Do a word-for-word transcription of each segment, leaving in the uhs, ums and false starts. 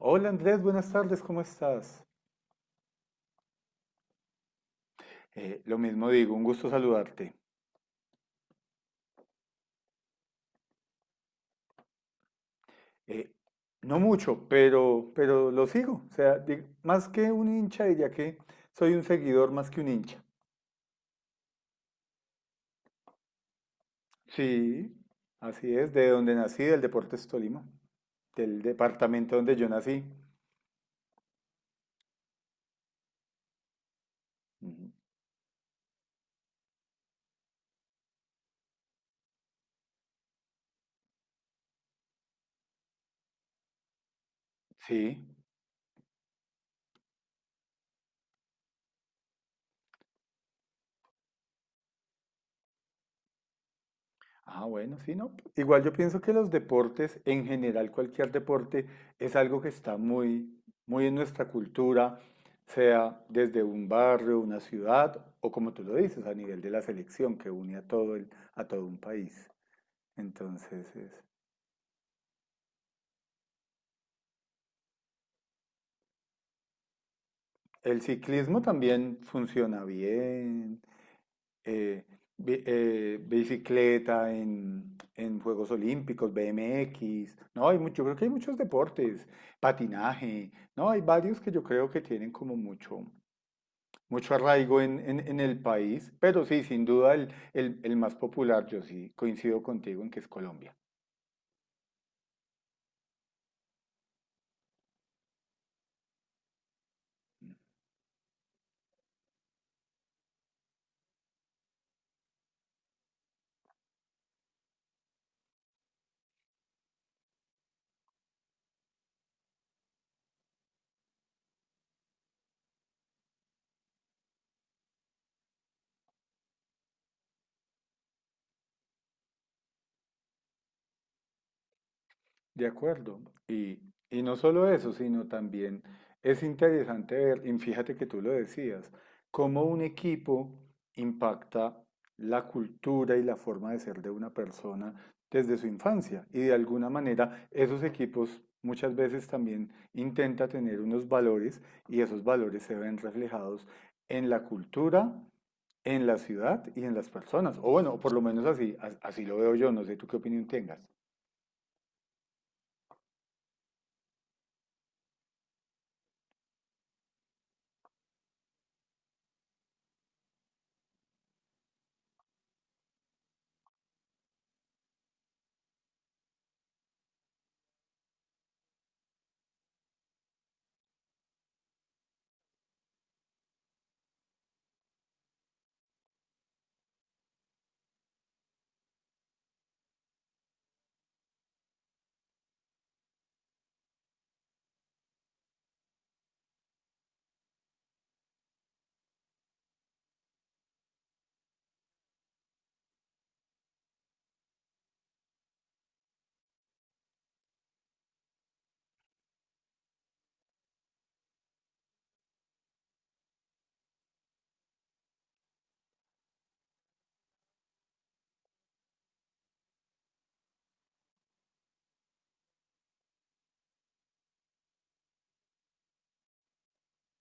Hola Andrés, buenas tardes, ¿cómo estás? Eh, lo mismo digo, un gusto saludarte. Eh, no mucho, pero, pero lo sigo. O sea, di- más que un hincha, diría que soy un seguidor más que un hincha. Sí, así es, de donde nací, del Deportes Tolima, del departamento donde yo nací. Ujú. Sí. Ah, bueno, sí, no. Igual yo pienso que los deportes, en general, cualquier deporte, es algo que está muy, muy en nuestra cultura, sea desde un barrio, una ciudad, o como tú lo dices, a nivel de la selección que une a todo el, a todo un país. Entonces, es- el ciclismo también funciona bien. eh, bi- eh, Bicicleta, en en Juegos Olímpicos, B M X, ¿no? Hay mucho, yo creo que hay muchos deportes, patinaje, ¿no? Hay varios que yo creo que tienen como mucho, mucho arraigo en, en, en el país, pero sí, sin duda el, el, el más popular, yo sí coincido contigo en que es Colombia. De acuerdo. Y, y no solo eso, sino también es interesante ver, y fíjate que tú lo decías, cómo un equipo impacta la cultura y la forma de ser de una persona desde su infancia. Y de alguna manera esos equipos muchas veces también intenta tener unos valores y esos valores se ven reflejados en la cultura, en la ciudad y en las personas. O bueno, por lo menos así, as- así lo veo yo. No sé tú qué opinión tengas.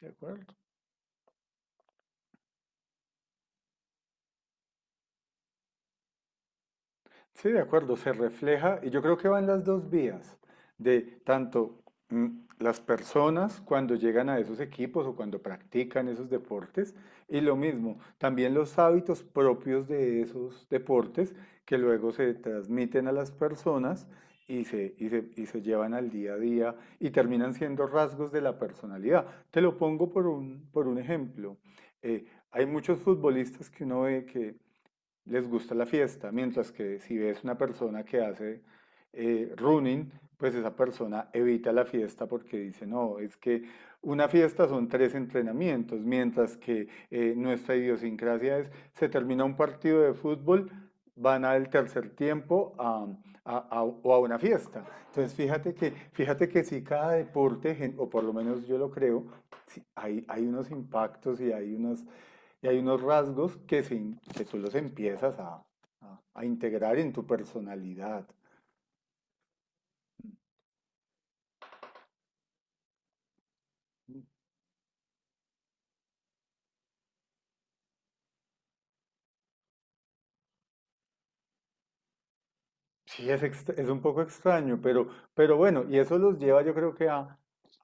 De acuerdo. Sí, de acuerdo, se refleja y yo creo que van las dos vías, de tanto mm, las personas cuando llegan a esos equipos o cuando practican esos deportes y lo mismo, también los hábitos propios de esos deportes que luego se transmiten a las personas y se, y se, y se llevan al día a día y terminan siendo rasgos de la personalidad. Te lo pongo por un, por un ejemplo. Eh, hay muchos futbolistas que uno ve que les gusta la fiesta, mientras que si ves una persona que hace eh, running, pues esa persona evita la fiesta porque dice, no, es que una fiesta son tres entrenamientos, mientras que eh, nuestra idiosincrasia es, se termina un partido de fútbol, van al tercer tiempo a, a- a- o a una fiesta. Entonces, fíjate que, fíjate que si cada deporte, o por lo menos yo lo creo, sí, hay, hay unos impactos y hay unos, y hay unos rasgos que, se que tú los empiezas a, a- a integrar en tu personalidad. Sí, es, ext- es un poco extraño, pero, pero bueno, y eso los lleva yo creo que a,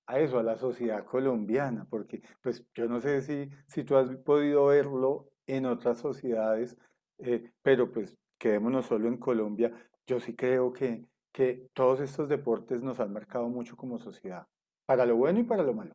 a eso, a la sociedad colombiana, porque pues yo no sé si, si tú has podido verlo en otras sociedades, eh, pero pues quedémonos solo en Colombia. Yo sí creo que, que todos estos deportes nos han marcado mucho como sociedad, para lo bueno y para lo malo.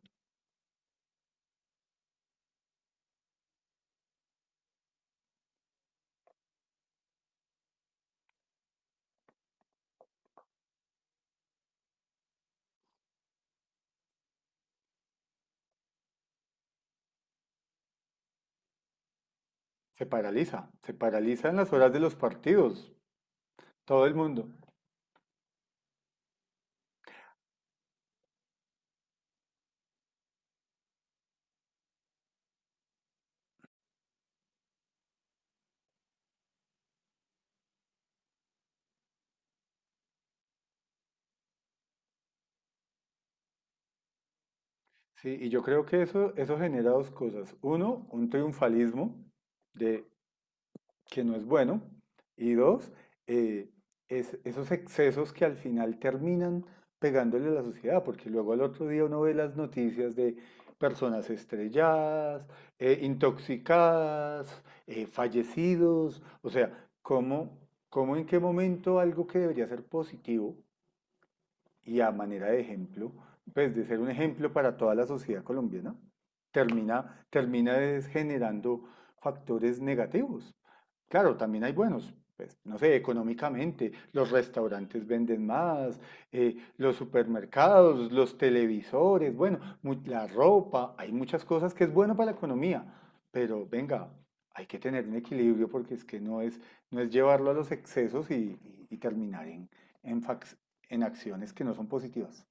Se paraliza, se paraliza en las horas de los partidos, todo el mundo. Sí, y yo creo que eso, eso genera dos cosas. Uno, un triunfalismo de que no es bueno. Y dos, eh, es, esos excesos que al final terminan pegándole a la sociedad, porque luego al otro día uno ve las noticias de personas estrelladas, eh, intoxicadas, eh, fallecidos, o sea, ¿cómo, cómo en qué momento algo que debería ser positivo y a manera de ejemplo, pues de ser un ejemplo para toda la sociedad colombiana, termina, termina es generando factores negativos. Claro, también hay buenos, pues, no sé, económicamente, los restaurantes venden más, eh, los supermercados, los televisores, bueno, mu- la ropa, hay muchas cosas que es bueno para la economía, pero venga, hay que tener un equilibrio porque es que no es, no es llevarlo a los excesos y, y- y terminar en, en fac- en acciones que no son positivas.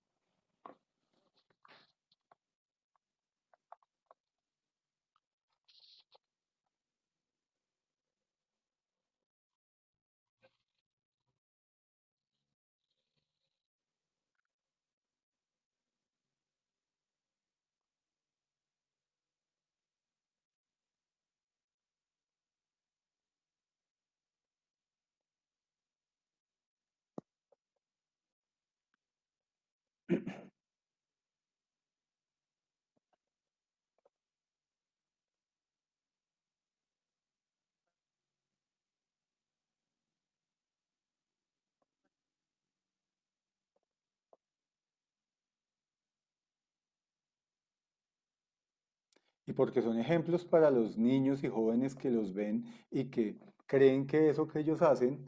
Y porque son ejemplos para los niños y jóvenes que los ven y que creen que eso que ellos hacen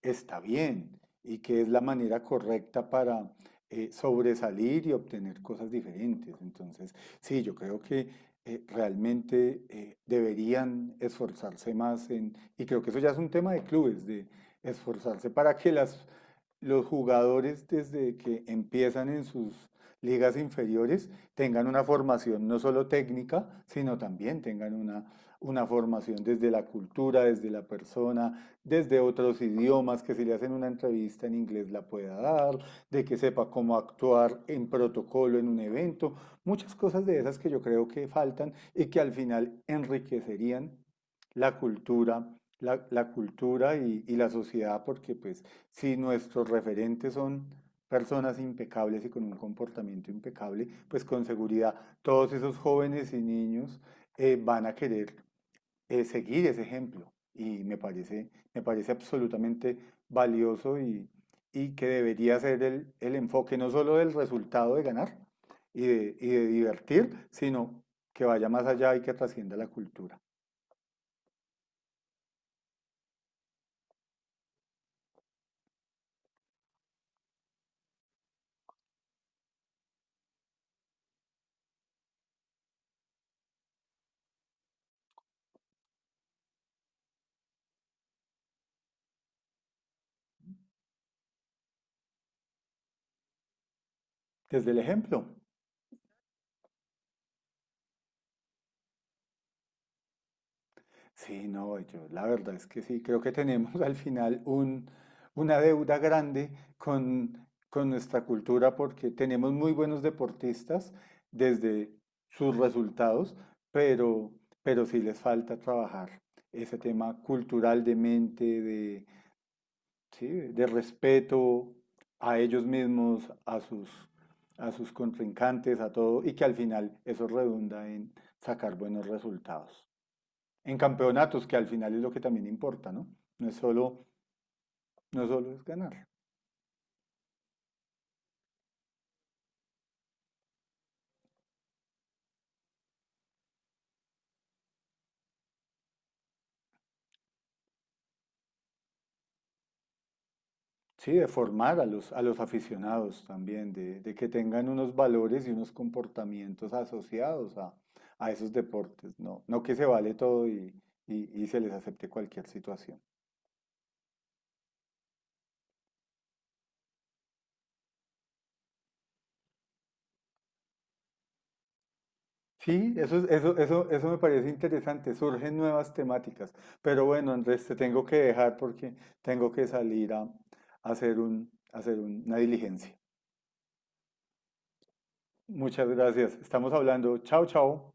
está bien y que es la manera correcta para eh, sobresalir y obtener cosas diferentes. Entonces, sí, yo creo que eh, realmente eh, deberían esforzarse más en, y creo que eso ya es un tema de clubes, de esforzarse para que las, los jugadores desde que empiezan en sus ligas inferiores tengan una formación no solo técnica, sino también tengan una, una formación desde la cultura, desde la persona, desde otros idiomas, que si le hacen una entrevista en inglés la pueda dar, de que sepa cómo actuar en protocolo en un evento, muchas cosas de esas que yo creo que faltan y que al final enriquecerían la cultura, la, la cultura y, y la sociedad, porque pues si nuestros referentes son personas impecables y con un comportamiento impecable, pues con seguridad todos esos jóvenes y niños eh, van a querer eh, seguir ese ejemplo. Y me parece, me parece absolutamente valioso y, y que debería ser el, el, enfoque no solo del resultado de ganar y de, y de divertir, sino que vaya más allá y que trascienda la cultura. Desde el ejemplo. Sí, no, yo la verdad es que sí, creo que tenemos al final un, una deuda grande con, con nuestra cultura porque tenemos muy buenos deportistas desde sus resultados, pero, pero sí les falta trabajar ese tema cultural de mente, de, sí, de respeto a ellos mismos, a sus, a sus contrincantes, a todo, y que al final eso redunda en sacar buenos resultados en campeonatos, que al final es lo que también importa, ¿no? No es solo, no es solo es ganar. Sí, de formar a los, a los aficionados también, de, de que tengan unos valores y unos comportamientos asociados a, a esos deportes, ¿no? No que se vale todo y, y- y se les acepte cualquier situación. Sí, eso, es- eso, eso, eso me parece interesante, surgen nuevas temáticas. Pero bueno, Andrés, te tengo que dejar porque tengo que salir a, a hacer un, a hacer una diligencia. Muchas gracias. Estamos hablando. Chao, chao.